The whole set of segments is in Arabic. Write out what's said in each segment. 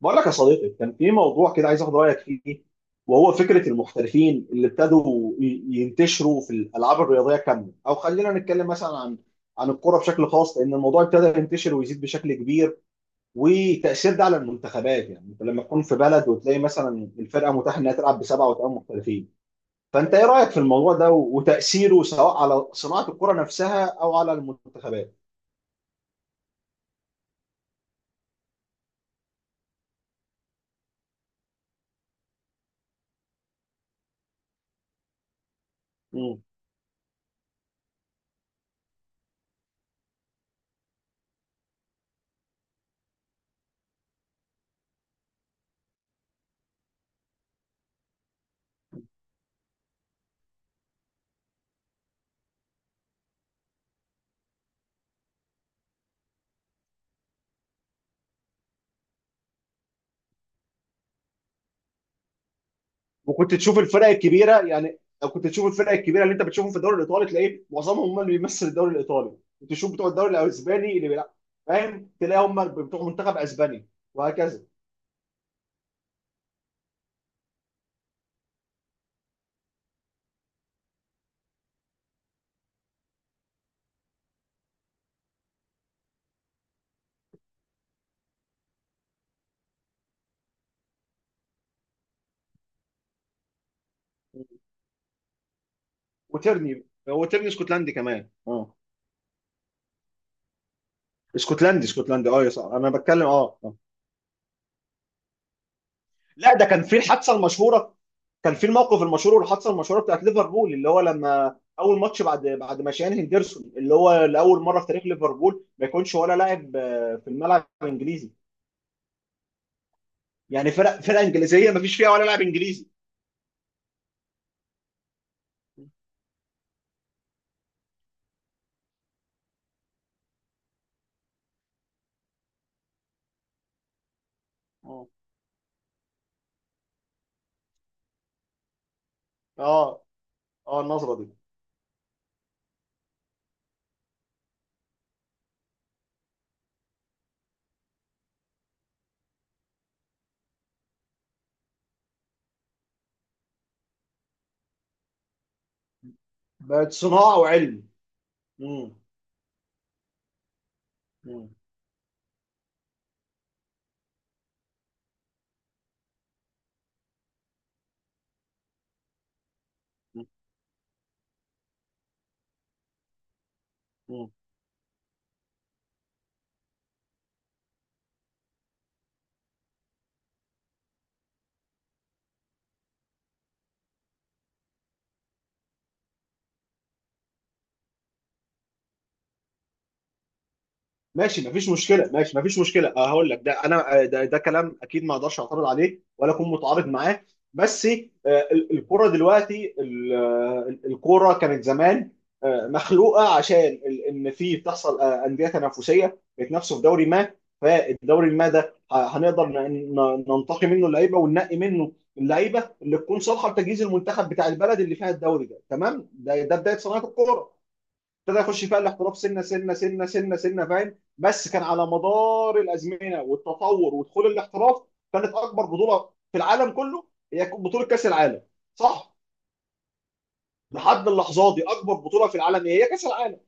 بقول لك يا صديقي، كان في موضوع كده عايز اخد رايك فيه، وهو فكره المحترفين اللي ابتدوا ينتشروا في الالعاب الرياضيه كامله، او خلينا نتكلم مثلا عن الكره بشكل خاص، لان الموضوع ابتدى ينتشر ويزيد بشكل كبير. وتاثير ده على المنتخبات، يعني انت لما تكون في بلد وتلاقي مثلا الفرقه متاح انها تلعب بسبعه وثمان محترفين، فانت ايه رايك في الموضوع ده وتاثيره، سواء على صناعه الكره نفسها او على المنتخبات؟ وكنت تشوف الفرق الكبيره، يعني لو كنت تشوف الفرق الكبيره اللي انت بتشوفهم في الدوري الايطالي تلاقيه معظمهم هم اللي بيمثل الدوري الايطالي، وتشوف بتوع الدوري الاسباني اللي بيلعب، فاهم، تلاقي هم بتوع منتخب اسباني، وهكذا. وترني، هو ترني اسكتلندي كمان اسكتلندي، اسكتلندي، يا صاحبي انا بتكلم. لا، ده كان في الحادثه المشهوره. كان في الموقف المشهور والحادثه المشهوره بتاعت ليفربول، اللي هو لما اول ماتش بعد ما شان هندرسون، اللي هو لاول مره في تاريخ ليفربول ما يكونش ولا لاعب في الملعب الانجليزي، يعني فرقه انجليزيه ما فيش فيها ولا لاعب انجليزي. اه، اه، النظره دي بقت صناعه وعلم. مم. مم. مم. ماشي مفيش مشكله، ماشي مفيش مشكله، هقول لك ده، انا ده كلام اكيد ما اقدرش اعترض عليه، ولا اكون متعارض معاه. بس الكره دلوقتي، الكره كانت زمان مخلوقه عشان ان في بتحصل انديه تنافسيه بيتنافسوا في دوري ما، فالدوري ما ده هنقدر ننتقي منه اللعيبه، وننقي منه اللعيبه اللي تكون صالحه لتجهيز المنتخب بتاع البلد اللي فيها الدوري ده. تمام، ده بدايه صناعه الكوره. ابتدى يخش فيها الاحتراف سنه سنه سنه سنه سنه، فاهم، بس كان على مدار الازمنه والتطور ودخول الاحتراف، كانت اكبر بطوله في العالم كله هي بطوله كاس العالم، صح. لحد اللحظه دي، اكبر بطوله في العالم هي كاس العالم،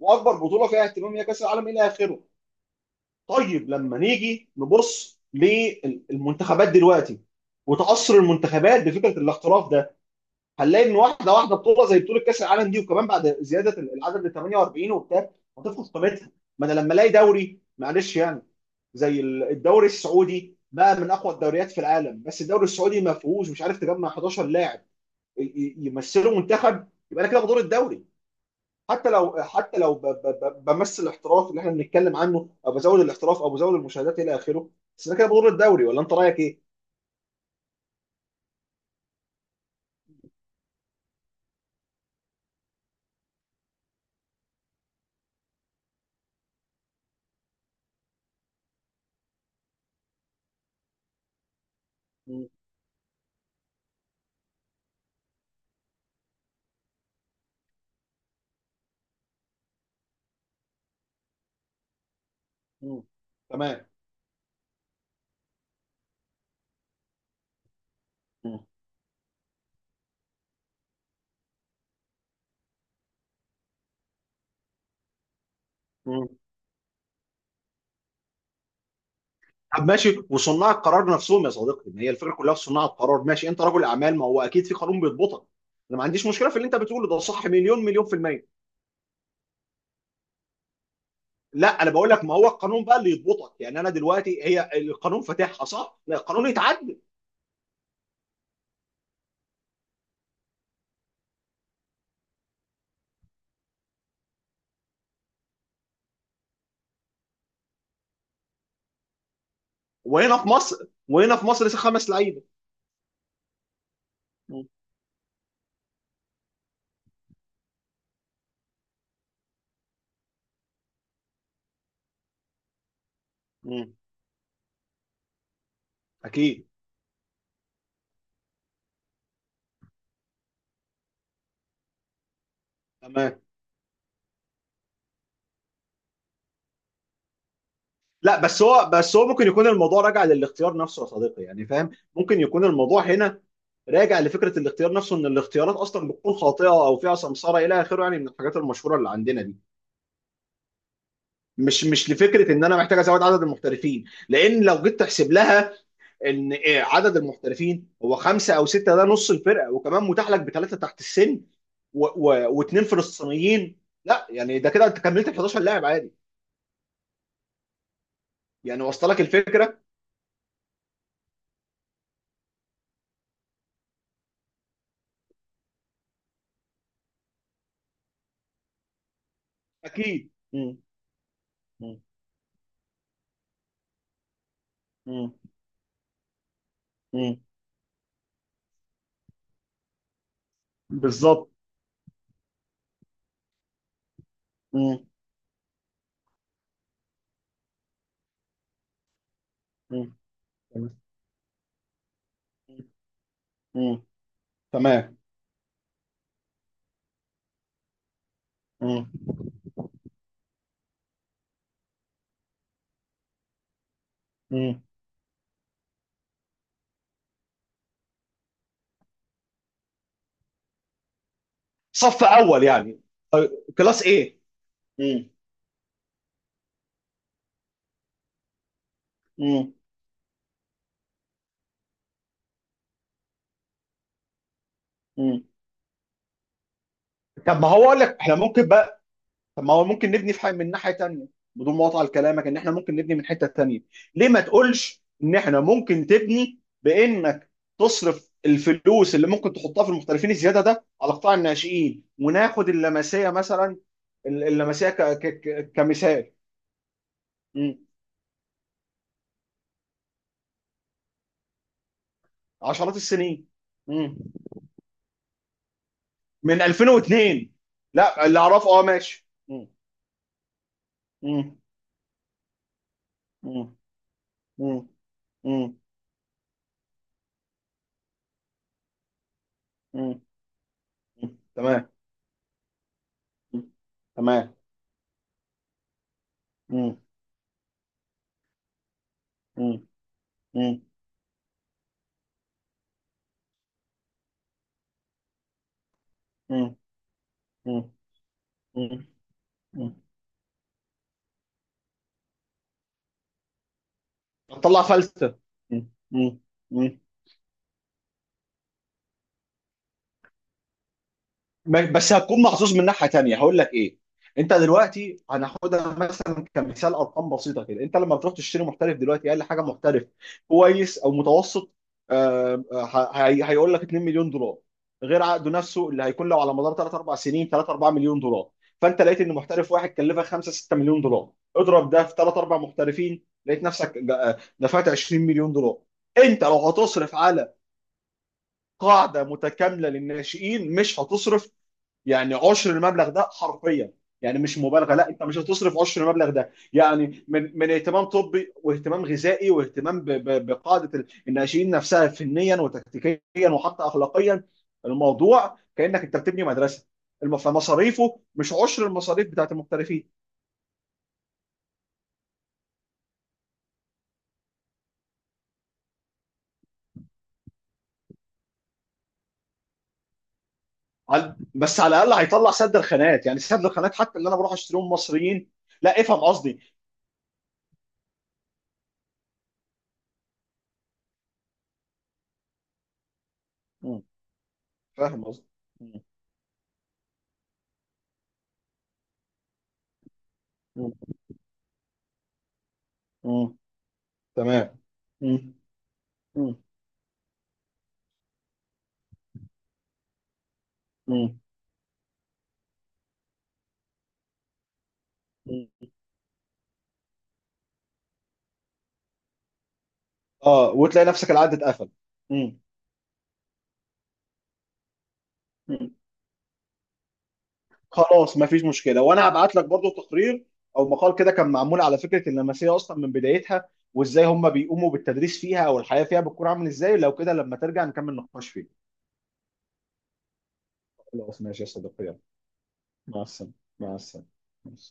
واكبر بطوله فيها اهتمام هي كاس العالم، الى اخره. طيب لما نيجي نبص للمنتخبات دلوقتي وتاثر المنتخبات بفكره الاحتراف ده، هنلاقي ان واحده واحده، بطوله زي بطوله كاس العالم دي، وكمان بعد زياده العدد ل 48 وبتاع، هتفقد قيمتها. ما انا لما الاقي دوري، معلش يعني، زي الدوري السعودي بقى، من اقوى الدوريات في العالم، بس الدوري السعودي ما فيهوش، مش عارف تجمع 11 لاعب يمثلوا منتخب، يبقى انا كده بدور الدوري. حتى لو، حتى لو بمثل الاحتراف اللي احنا بنتكلم عنه، او بزود الاحتراف او بزود المشاهدات الى اخره، بس انا كده بدور الدوري، ولا انت رايك ايه؟ مم. مم. تمام. مم. مم. طب ماشي، وصناع القرار نفسهم يا صديقي، ما هي الفكره كلها في صناع القرار. ماشي، انت رجل اعمال، ما هو اكيد في قانون بيضبطك. انا ما عنديش مشكله في اللي انت بتقوله ده، صح مليون مليون في الميه. لا، انا بقول لك ما هو القانون بقى اللي يضبطك، يعني انا دلوقتي هي القانون فاتحها صح، لا القانون يتعدل. وهنا في مصر، وهنا في مصر خمس لعيبه. مم. مم. اكيد. تمام. لا، بس هو ممكن يكون الموضوع راجع للاختيار نفسه يا صديقي، يعني فاهم، ممكن يكون الموضوع هنا راجع لفكره الاختيار نفسه، ان الاختيارات اصلا بتكون خاطئه، او فيها سمساره الى اخره، يعني من الحاجات المشهوره اللي عندنا دي، مش لفكره ان انا محتاج ازود عدد المحترفين. لان لو جيت تحسب لها، ان إيه، عدد المحترفين هو خمسه او سته، ده نص الفرقه، وكمان متاح لك بثلاثه تحت السن، واثنين فلسطينيين، لا يعني ده كده انت كملت ال 11 لاعب عادي، يعني وصل لك الفكره. اكيد. مم. مم. مم. مم. بالظبط. مم. مم. تمام. مم. تمام. مم. مم. صف اول يعني. طيب، كلاس ايه. مم. مم. مم. طب ما هو اقول لك، احنا ممكن بقى، طب ما هو ممكن نبني في حاجه من ناحيه تانيه، بدون ما اقطع كلامك، ان احنا ممكن نبني من حته تانيه. ليه ما تقولش ان احنا ممكن تبني بانك تصرف الفلوس اللي ممكن تحطها في المحترفين الزياده ده على قطاع الناشئين، وناخد اللمسيه مثلا، اللمسيه كمثال. عشرات السنين. مم. من 2002. لا، اللي اعرفه، اه، ماشي. مم. مم. مم. مم. مم. مم. مم. تمام. مم. تمام. مم. مم. مم. مم. مم. مم. هتطلع فلسفه. مم. مم. بس هتكون محظوظ من ناحيه تانيه، هقول لك ايه. انت دلوقتي هناخدها مثلا كمثال، ارقام بسيطه كده، انت لما بتروح تشتري محترف دلوقتي، اقل حاجه محترف كويس او متوسط، آه، آه، هيقول لك 2 مليون دولار، غير عقده نفسه اللي هيكون له على مدار 3 4 سنين، 3 4 مليون دولار. فانت لقيت ان محترف واحد كلفك 5 6 مليون دولار، اضرب ده في 3 4 محترفين، لقيت نفسك دفعت 20 مليون دولار. انت لو هتصرف على قاعده متكامله للناشئين، مش هتصرف يعني عشر المبلغ ده حرفيا، يعني مش مبالغه، لا انت مش هتصرف عشر المبلغ ده، يعني من اهتمام طبي، واهتمام غذائي، واهتمام بقاعده الناشئين نفسها فنيا وتكتيكيا وحتى اخلاقيا، الموضوع كانك انت بتبني مدرسه، فمصاريفه مش عشر المصاريف بتاعت المحترفين. بس على الاقل هيطلع سد الخانات، يعني سد الخانات، حتى اللي انا بروح اشتريهم مصريين. لا، افهم قصدي. مم، فاهم قصدي. مم، مم، مم، تمام. مم، مم، مم. اه، وتلاقي نفسك العقد اتقفل. امم. مم. خلاص مفيش مشكله، وانا هبعت لك برضو تقرير او مقال كده كان معمول على فكره اللمسيه اصلا من بدايتها، وازاي هم بيقوموا بالتدريس فيها، او الحياه فيها بتكون عامل ازاي، لو كده لما ترجع نكمل نقاش فيه. خلاص ماشي يا صديقي، يلا، مع السلامه. مع السلامه.